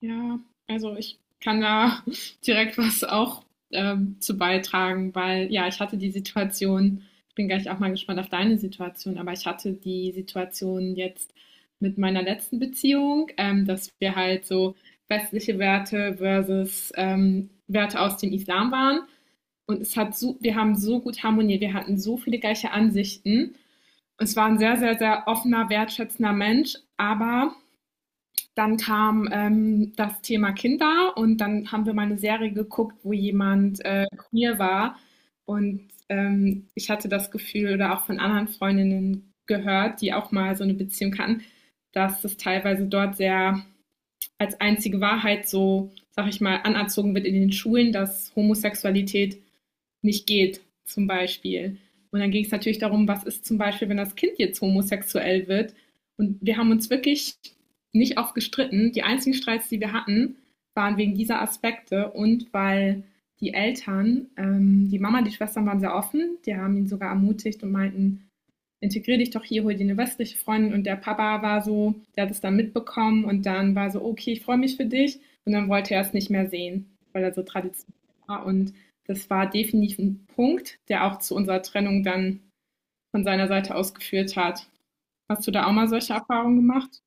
Ja, also ich kann da direkt was auch zu beitragen, weil ja, ich hatte die Situation, ich bin gleich auch mal gespannt auf deine Situation, aber ich hatte die Situation jetzt mit meiner letzten Beziehung, dass wir halt so westliche Werte versus Werte aus dem Islam waren. Und es hat so, wir haben so gut harmoniert, wir hatten so viele gleiche Ansichten. Es war ein sehr, sehr, sehr offener, wertschätzender Mensch, aber dann kam das Thema Kinder und dann haben wir mal eine Serie geguckt, wo jemand queer war. Und ich hatte das Gefühl oder auch von anderen Freundinnen gehört, die auch mal so eine Beziehung hatten, dass das teilweise dort sehr als einzige Wahrheit, so sag ich mal, anerzogen wird in den Schulen, dass Homosexualität nicht geht, zum Beispiel. Und dann ging es natürlich darum, was ist zum Beispiel, wenn das Kind jetzt homosexuell wird. Und wir haben uns wirklich nicht oft gestritten. Die einzigen Streits, die wir hatten, waren wegen dieser Aspekte und weil die Eltern, die Mama, die Schwestern waren sehr offen. Die haben ihn sogar ermutigt und meinten, integrier dich doch hier, hol dir eine westliche Freundin. Und der Papa war so, der hat es dann mitbekommen und dann war so, okay, ich freue mich für dich. Und dann wollte er es nicht mehr sehen, weil er so traditionell war. Und das war definitiv ein Punkt, der auch zu unserer Trennung dann von seiner Seite aus geführt hat. Hast du da auch mal solche Erfahrungen gemacht?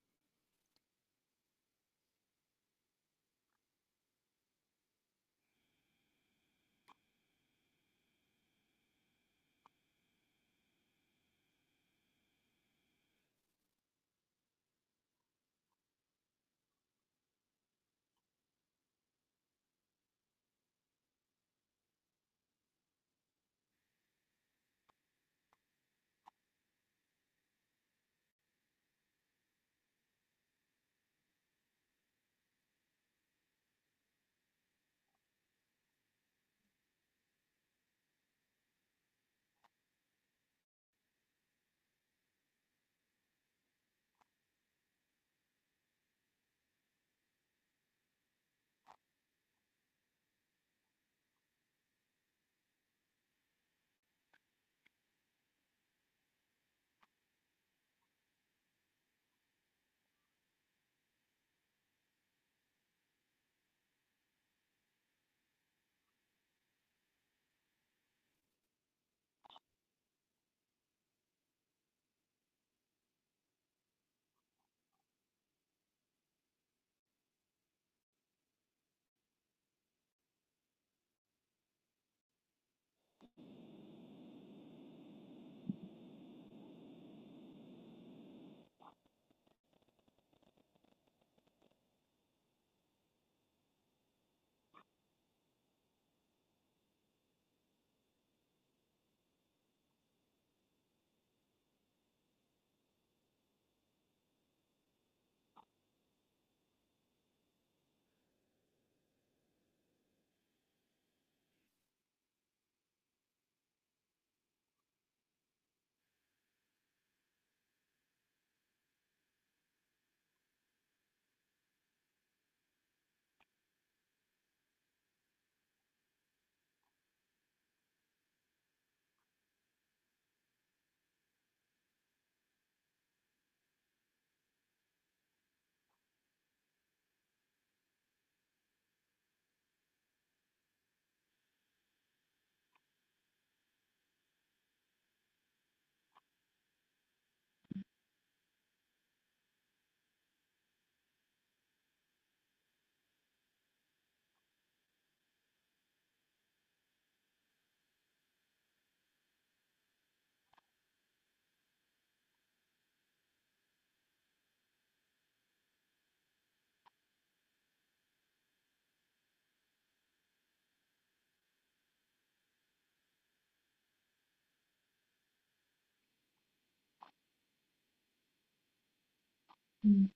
Mhm.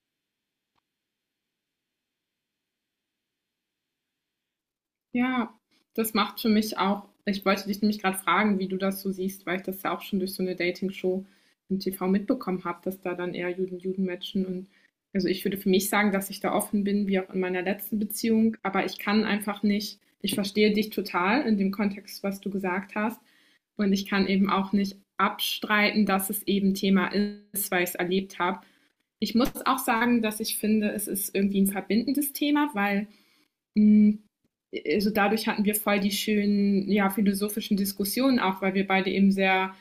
Ja, das macht für mich auch, ich wollte dich nämlich gerade fragen, wie du das so siehst, weil ich das ja auch schon durch so eine Dating-Show im TV mitbekommen habe, dass da dann eher Juden Juden matchen. Und also, ich würde für mich sagen, dass ich da offen bin, wie auch in meiner letzten Beziehung, aber ich kann einfach nicht, ich verstehe dich total in dem Kontext, was du gesagt hast, und ich kann eben auch nicht abstreiten, dass es eben Thema ist, weil ich's erlebt habe. Ich muss auch sagen, dass ich finde, es ist irgendwie ein verbindendes Thema, weil hm, also dadurch hatten wir voll die schönen, ja, philosophischen Diskussionen auch, weil wir beide eben sehr,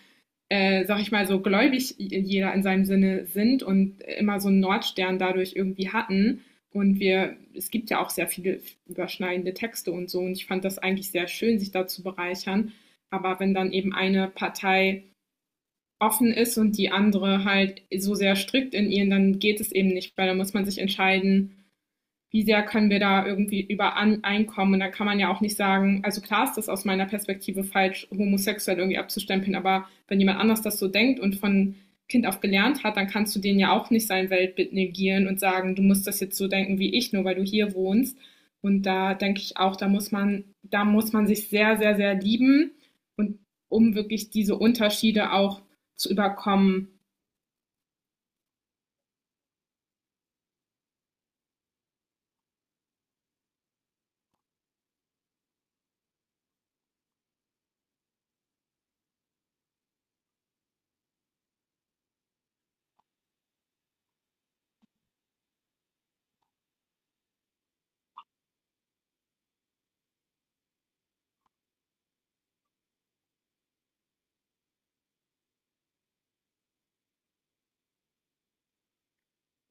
sag ich mal, so gläubig jeder in seinem Sinne sind und immer so einen Nordstern dadurch irgendwie hatten. Und wir, es gibt ja auch sehr viele überschneidende Texte und so. Und ich fand das eigentlich sehr schön, sich da zu bereichern. Aber wenn dann eben eine Partei offen ist und die andere halt so sehr strikt in ihren, dann geht es eben nicht, weil da muss man sich entscheiden, wie sehr können wir da irgendwie übereinkommen? Und da kann man ja auch nicht sagen, also klar ist das aus meiner Perspektive falsch, homosexuell irgendwie abzustempeln, aber wenn jemand anders das so denkt und von Kind auf gelernt hat, dann kannst du denen ja auch nicht sein Weltbild negieren und sagen, du musst das jetzt so denken wie ich, nur weil du hier wohnst. Und da denke ich auch, da muss man sich sehr, sehr, sehr lieben und um wirklich diese Unterschiede auch zu überkommen.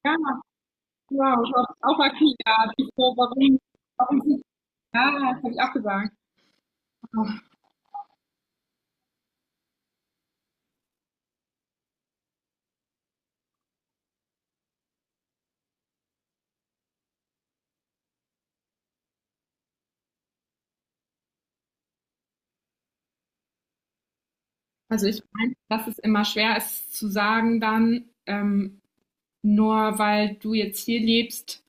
Ja, wow, du hast auch erklärt, warum, warum. Ja, das habe ich auch gesagt. Also ich meine, dass es immer schwer ist zu sagen dann, nur weil du jetzt hier lebst,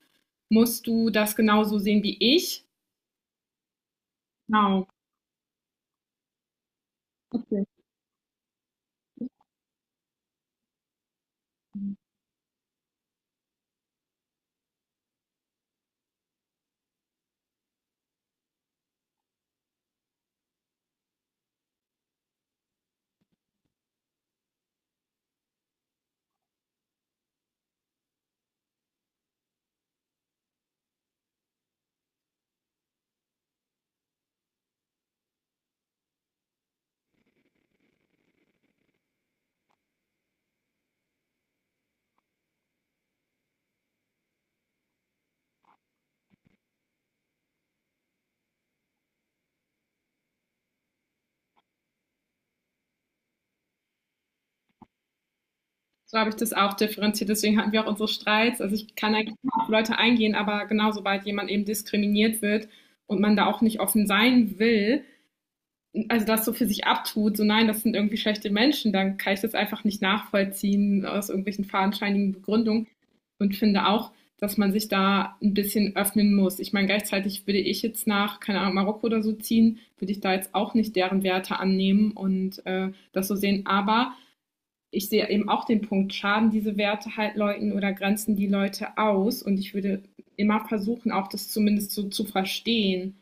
musst du das genauso sehen wie ich. Genau. Okay. So habe ich das auch differenziert. Deswegen hatten wir auch unsere Streits. Also ich kann eigentlich immer auf Leute eingehen, aber genau sobald jemand eben diskriminiert wird und man da auch nicht offen sein will, also das so für sich abtut, so nein, das sind irgendwie schlechte Menschen, dann kann ich das einfach nicht nachvollziehen aus irgendwelchen fadenscheinigen Begründungen und finde auch, dass man sich da ein bisschen öffnen muss. Ich meine, gleichzeitig würde ich jetzt nach, keine Ahnung, Marokko oder so ziehen, würde ich da jetzt auch nicht deren Werte annehmen und das so sehen. Aber ich sehe eben auch den Punkt, schaden diese Werte halt Leuten oder grenzen die Leute aus? Und ich würde immer versuchen, auch das zumindest so zu verstehen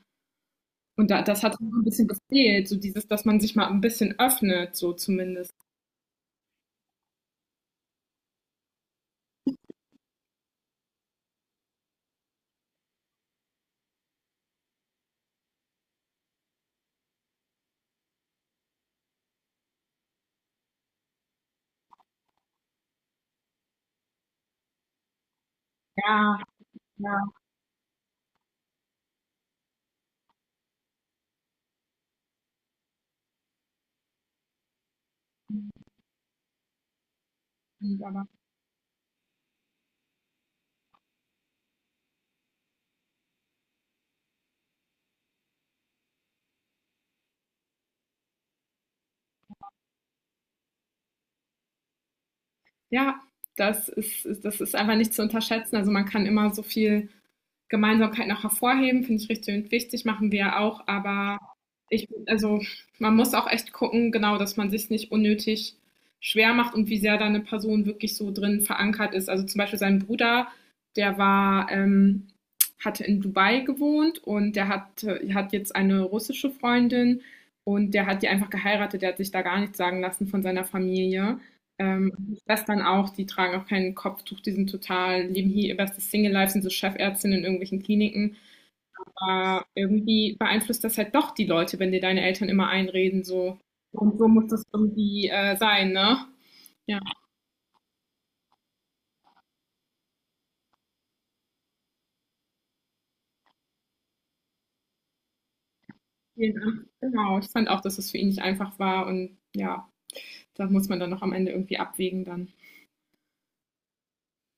und da, das hat so ein bisschen gefehlt, so dieses, dass man sich mal ein bisschen öffnet, so zumindest. Ja, ja, aber ja, das ist einfach nicht zu unterschätzen. Also man kann immer so viel Gemeinsamkeit noch hervorheben, finde ich richtig und wichtig, machen wir ja auch, aber ich, also man muss auch echt gucken, genau, dass man sich nicht unnötig schwer macht und wie sehr da eine Person wirklich so drin verankert ist. Also zum Beispiel sein Bruder, der war, hatte in Dubai gewohnt und hat jetzt eine russische Freundin und der hat die einfach geheiratet, der hat sich da gar nichts sagen lassen von seiner Familie. Ähm, das dann auch, die tragen auch kein Kopftuch, die sind total, leben hier ihr bestes Single-Life, sind so Chefärztinnen in irgendwelchen Kliniken. Aber irgendwie beeinflusst das halt doch die Leute, wenn dir deine Eltern immer einreden, so. Und so muss das irgendwie sein, ne? Ja, ja, genau. Ich fand auch, dass es für ihn nicht einfach war und ja, da muss man dann noch am Ende irgendwie abwägen dann.